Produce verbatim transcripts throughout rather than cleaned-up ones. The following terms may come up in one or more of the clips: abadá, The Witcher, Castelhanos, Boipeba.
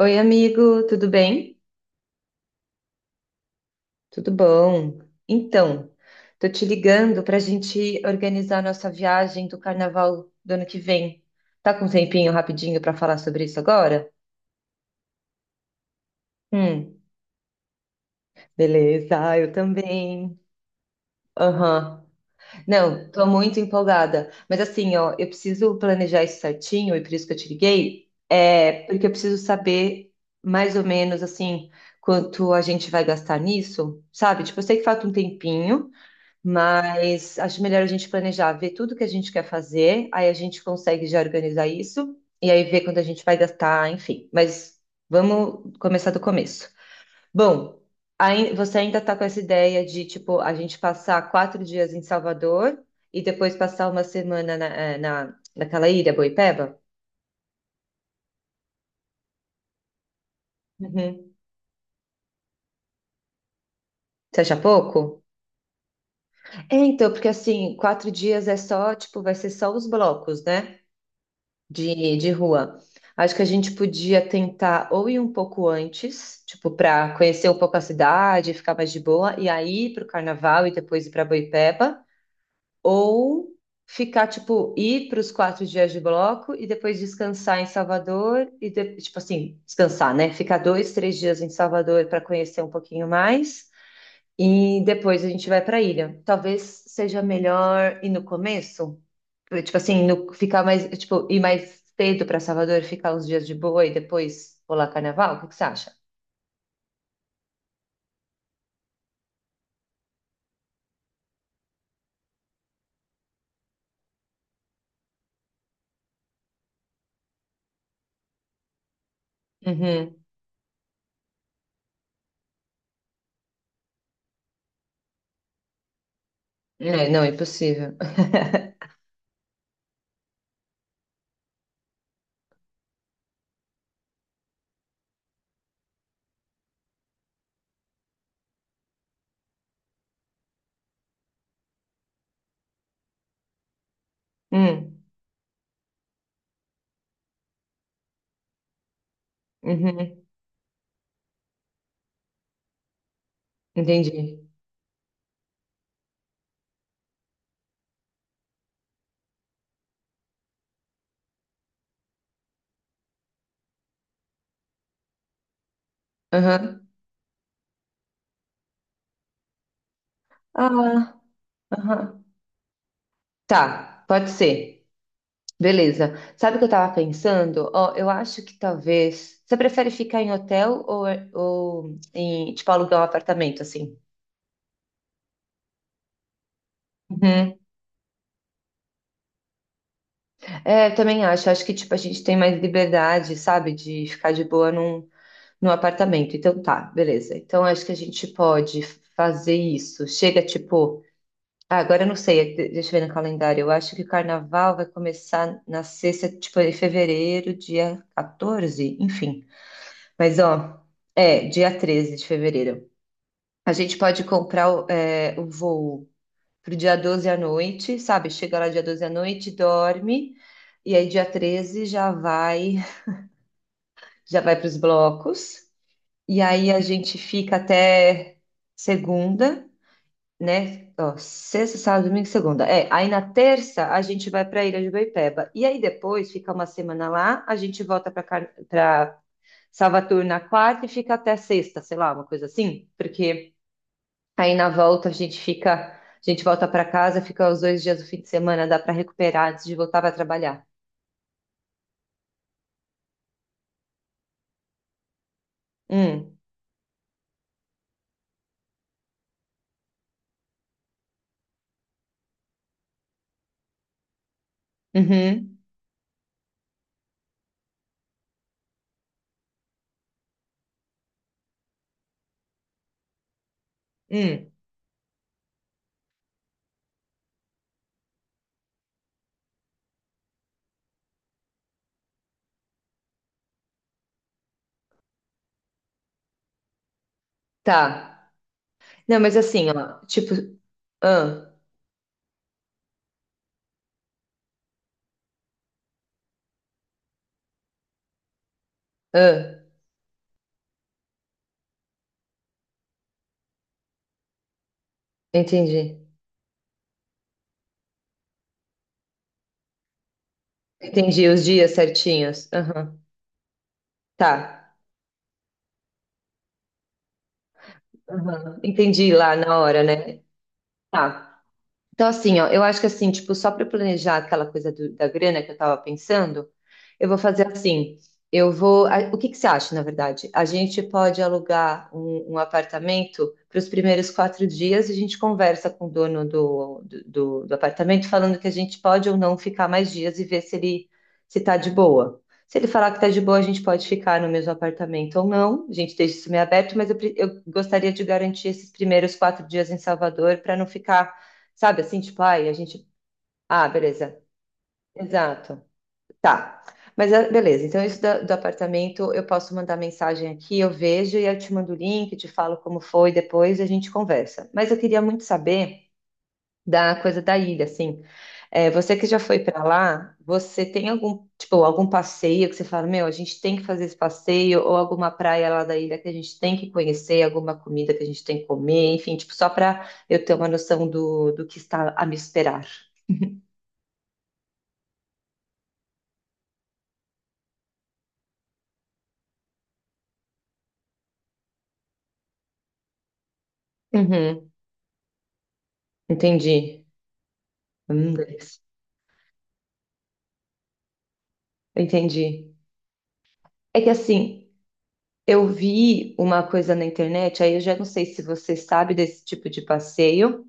Oi, amigo, tudo bem? Tudo bom? Então, tô te ligando para a gente organizar nossa viagem do carnaval do ano que vem. Tá com um tempinho rapidinho para falar sobre isso agora? Hum, Beleza, eu também. Aham. Não, tô muito empolgada. Mas assim, ó, eu preciso planejar isso certinho e por isso que eu te liguei, é porque eu preciso saber mais ou menos assim quanto a gente vai gastar nisso, sabe? Tipo, eu sei que falta um tempinho. Mas acho melhor a gente planejar, ver tudo que a gente quer fazer, aí a gente consegue já organizar isso, e aí ver quando a gente vai gastar, enfim. Mas vamos começar do começo. Bom, aí você ainda está com essa ideia de, tipo, a gente passar quatro dias em Salvador e depois passar uma semana na, eh, na, naquela ilha, Boipeba? Uhum. Você acha pouco? É, então, porque assim, quatro dias é só, tipo, vai ser só os blocos, né? de, de rua. Acho que a gente podia tentar ou ir um pouco antes, tipo, para conhecer um pouco a cidade, ficar mais de boa, e aí ir para o carnaval e depois ir para Boipeba, ou ficar, tipo, ir para os quatro dias de bloco e depois descansar em Salvador, e de- tipo assim, descansar, né? Ficar dois, três dias em Salvador para conhecer um pouquinho mais, e depois a gente vai para a ilha. Talvez seja melhor ir no começo. Tipo assim, no- ficar mais, tipo, ir mais cedo para Salvador, ficar uns dias de boa e depois pular carnaval? O que que você acha? Uhum. É, não, é impossível. Hum, uhum, entendi. Aham. Ah, aham. Tá, pode ser. Beleza. Sabe o que eu tava pensando? Ó, eu acho que talvez. Você prefere ficar em hotel ou, ou em, tipo, alugar um apartamento, assim? Uhum. É, eu também acho. Acho que, tipo, a gente tem mais liberdade, sabe? De ficar de boa num. No apartamento, então tá, beleza. Então acho que a gente pode fazer isso. Chega tipo. Ah, agora eu não sei, de- deixa eu ver no calendário. Eu acho que o carnaval vai começar na sexta, tipo, em fevereiro, dia quatorze, enfim. Mas ó, é, dia treze de fevereiro. A gente pode comprar o, é, o voo pro dia doze à noite, sabe? Chega lá dia doze à noite, dorme, e aí dia treze já vai, já vai para os blocos. E aí a gente fica até segunda, né? Ó, sexta, sábado, domingo, e segunda. É, aí na terça a gente vai para a Ilha de Boipeba. E aí depois fica uma semana lá, a gente volta para Car... para Salvador na quarta e fica até sexta, sei lá, uma coisa assim, porque aí na volta a gente fica, a gente volta para casa, fica os dois dias do fim de semana, dá para recuperar antes de voltar para trabalhar. Hum, uhum, hum, tá. Não, mas assim, ó, tipo, ah, ah. Entendi. Entendi os dias certinhos. Aham. Tá. Aham. Entendi lá na hora, né? Tá. Então, assim, ó, eu acho que assim, tipo, só para planejar aquela coisa do- da grana que eu tava pensando, eu vou fazer assim. Eu vou. a- O que que você acha, na verdade? A gente pode alugar um, um apartamento para os primeiros quatro dias e a gente conversa com o dono do, do, do- do apartamento, falando que a gente pode ou não ficar mais dias e ver se ele se tá de boa. Se ele falar que tá de boa, a gente pode ficar no mesmo apartamento ou não. A gente deixa isso meio aberto, mas eu, pre- eu gostaria de garantir esses primeiros quatro dias em Salvador para não ficar. Sabe, assim, tipo, ai, a gente. Ah, beleza. Exato. Tá. Mas ah, beleza, então isso da- do apartamento eu posso mandar mensagem aqui, eu vejo e eu te mando o link, te falo como foi, depois a gente conversa. Mas eu queria muito saber da coisa da ilha, assim. É, você que já foi pra lá, você tem algum, tipo, algum passeio que você fala, meu, a gente tem que fazer esse passeio, ou alguma praia lá da ilha que a gente tem que conhecer, alguma comida que a gente tem que comer, enfim, tipo, só pra eu ter uma noção do, do que está a me esperar. Uhum, entendi. Hum, beleza. Entendi. É que assim, eu vi uma coisa na internet, aí eu já não sei se você sabe desse tipo de passeio,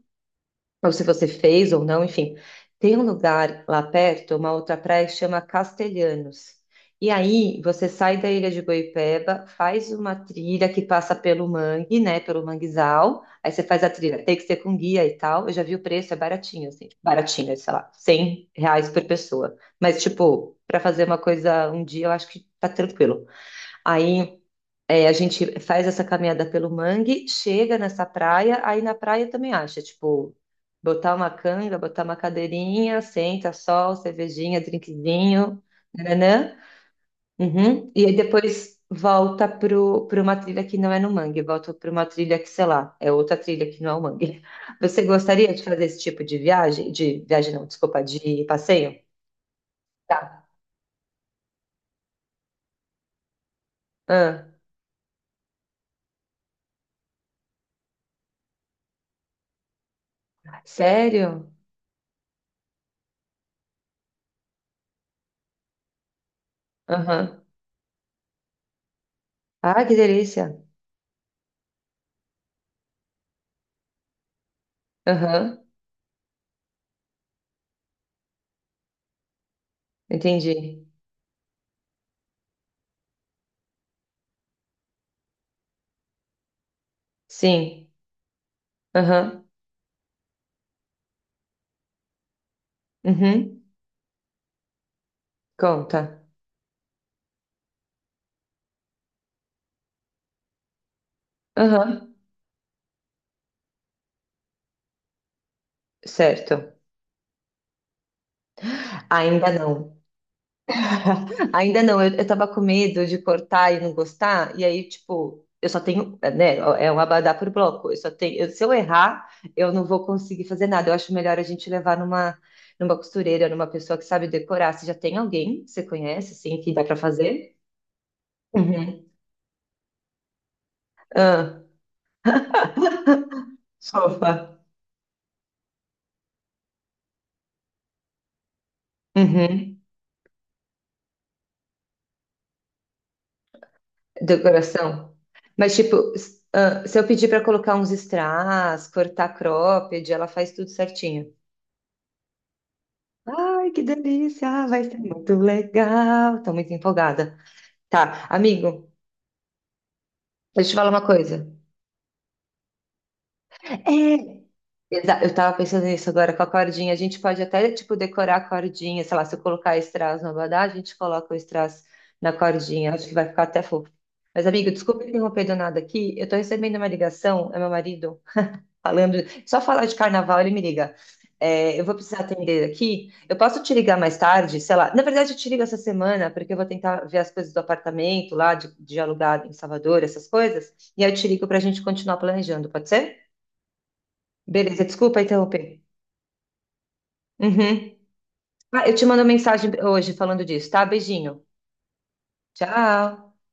ou se você fez ou não, enfim. Tem um lugar lá perto, uma outra praia que chama Castelhanos. E aí você sai da ilha de Boipeba, faz uma trilha que passa pelo mangue, né, pelo manguezal. Aí você faz a trilha, tem que ser com guia e tal. Eu já vi o preço, é baratinho, assim, baratinho, sei lá, cem reais por pessoa. Mas, tipo, para fazer uma coisa um dia, eu acho que tá tranquilo. Aí é, a gente faz essa caminhada pelo mangue, chega nessa praia, aí na praia também acha, tipo, botar uma canga, botar uma cadeirinha, senta, sol, cervejinha, drinkzinho, nananã. Uhum. E aí depois volta pro, pra uma trilha que não é no mangue, volta para uma trilha que, sei lá, é outra trilha que não é o mangue. Você gostaria de fazer esse tipo de viagem? De viagem não, desculpa, de passeio? Tá. Ah, sério? Aham. Ah, que delícia. Aham, entendi. Sim. Aham. Uhum. Conta. Aham. Certo. Ainda não. Ainda não. Eu, eu tava com medo de cortar e não gostar. E aí, tipo, eu só tenho, né? É um abadá por bloco. Eu só tenho. Eu- se eu errar, eu não vou conseguir fazer nada. Eu acho melhor a gente levar numa, numa costureira, numa pessoa que sabe decorar. Você já tem alguém que você conhece, assim, que dá pra fazer? Uhum. Ah, sopa. Decoração. Mas, tipo, s- ah, se eu pedir pra colocar uns strass, cortar cropped, ela faz tudo certinho. Ai, que delícia! Vai ser muito legal. Tô muito empolgada. Tá, amigo, deixa eu te falar uma coisa. É. exa- Eu tava pensando nisso agora com a cordinha. A gente pode até, tipo, decorar a cordinha. Sei lá, se eu colocar strass no abadá, a gente coloca o strass na cordinha. Acho que vai ficar até fofo. Mas, amigo, desculpa interromper do nada aqui. Eu tô recebendo uma ligação, é meu marido. Falando, só falar de carnaval, ele me liga. É, eu vou precisar atender aqui. Eu posso te ligar mais tarde, sei lá. Na verdade, eu te ligo essa semana, porque eu vou tentar ver as coisas do apartamento lá, de, de alugar em Salvador, essas coisas. E aí eu te ligo pra gente continuar planejando, pode ser? Beleza, desculpa interromper. Uhum. Ah, eu te mando mensagem hoje falando disso, tá? Beijinho. Tchau.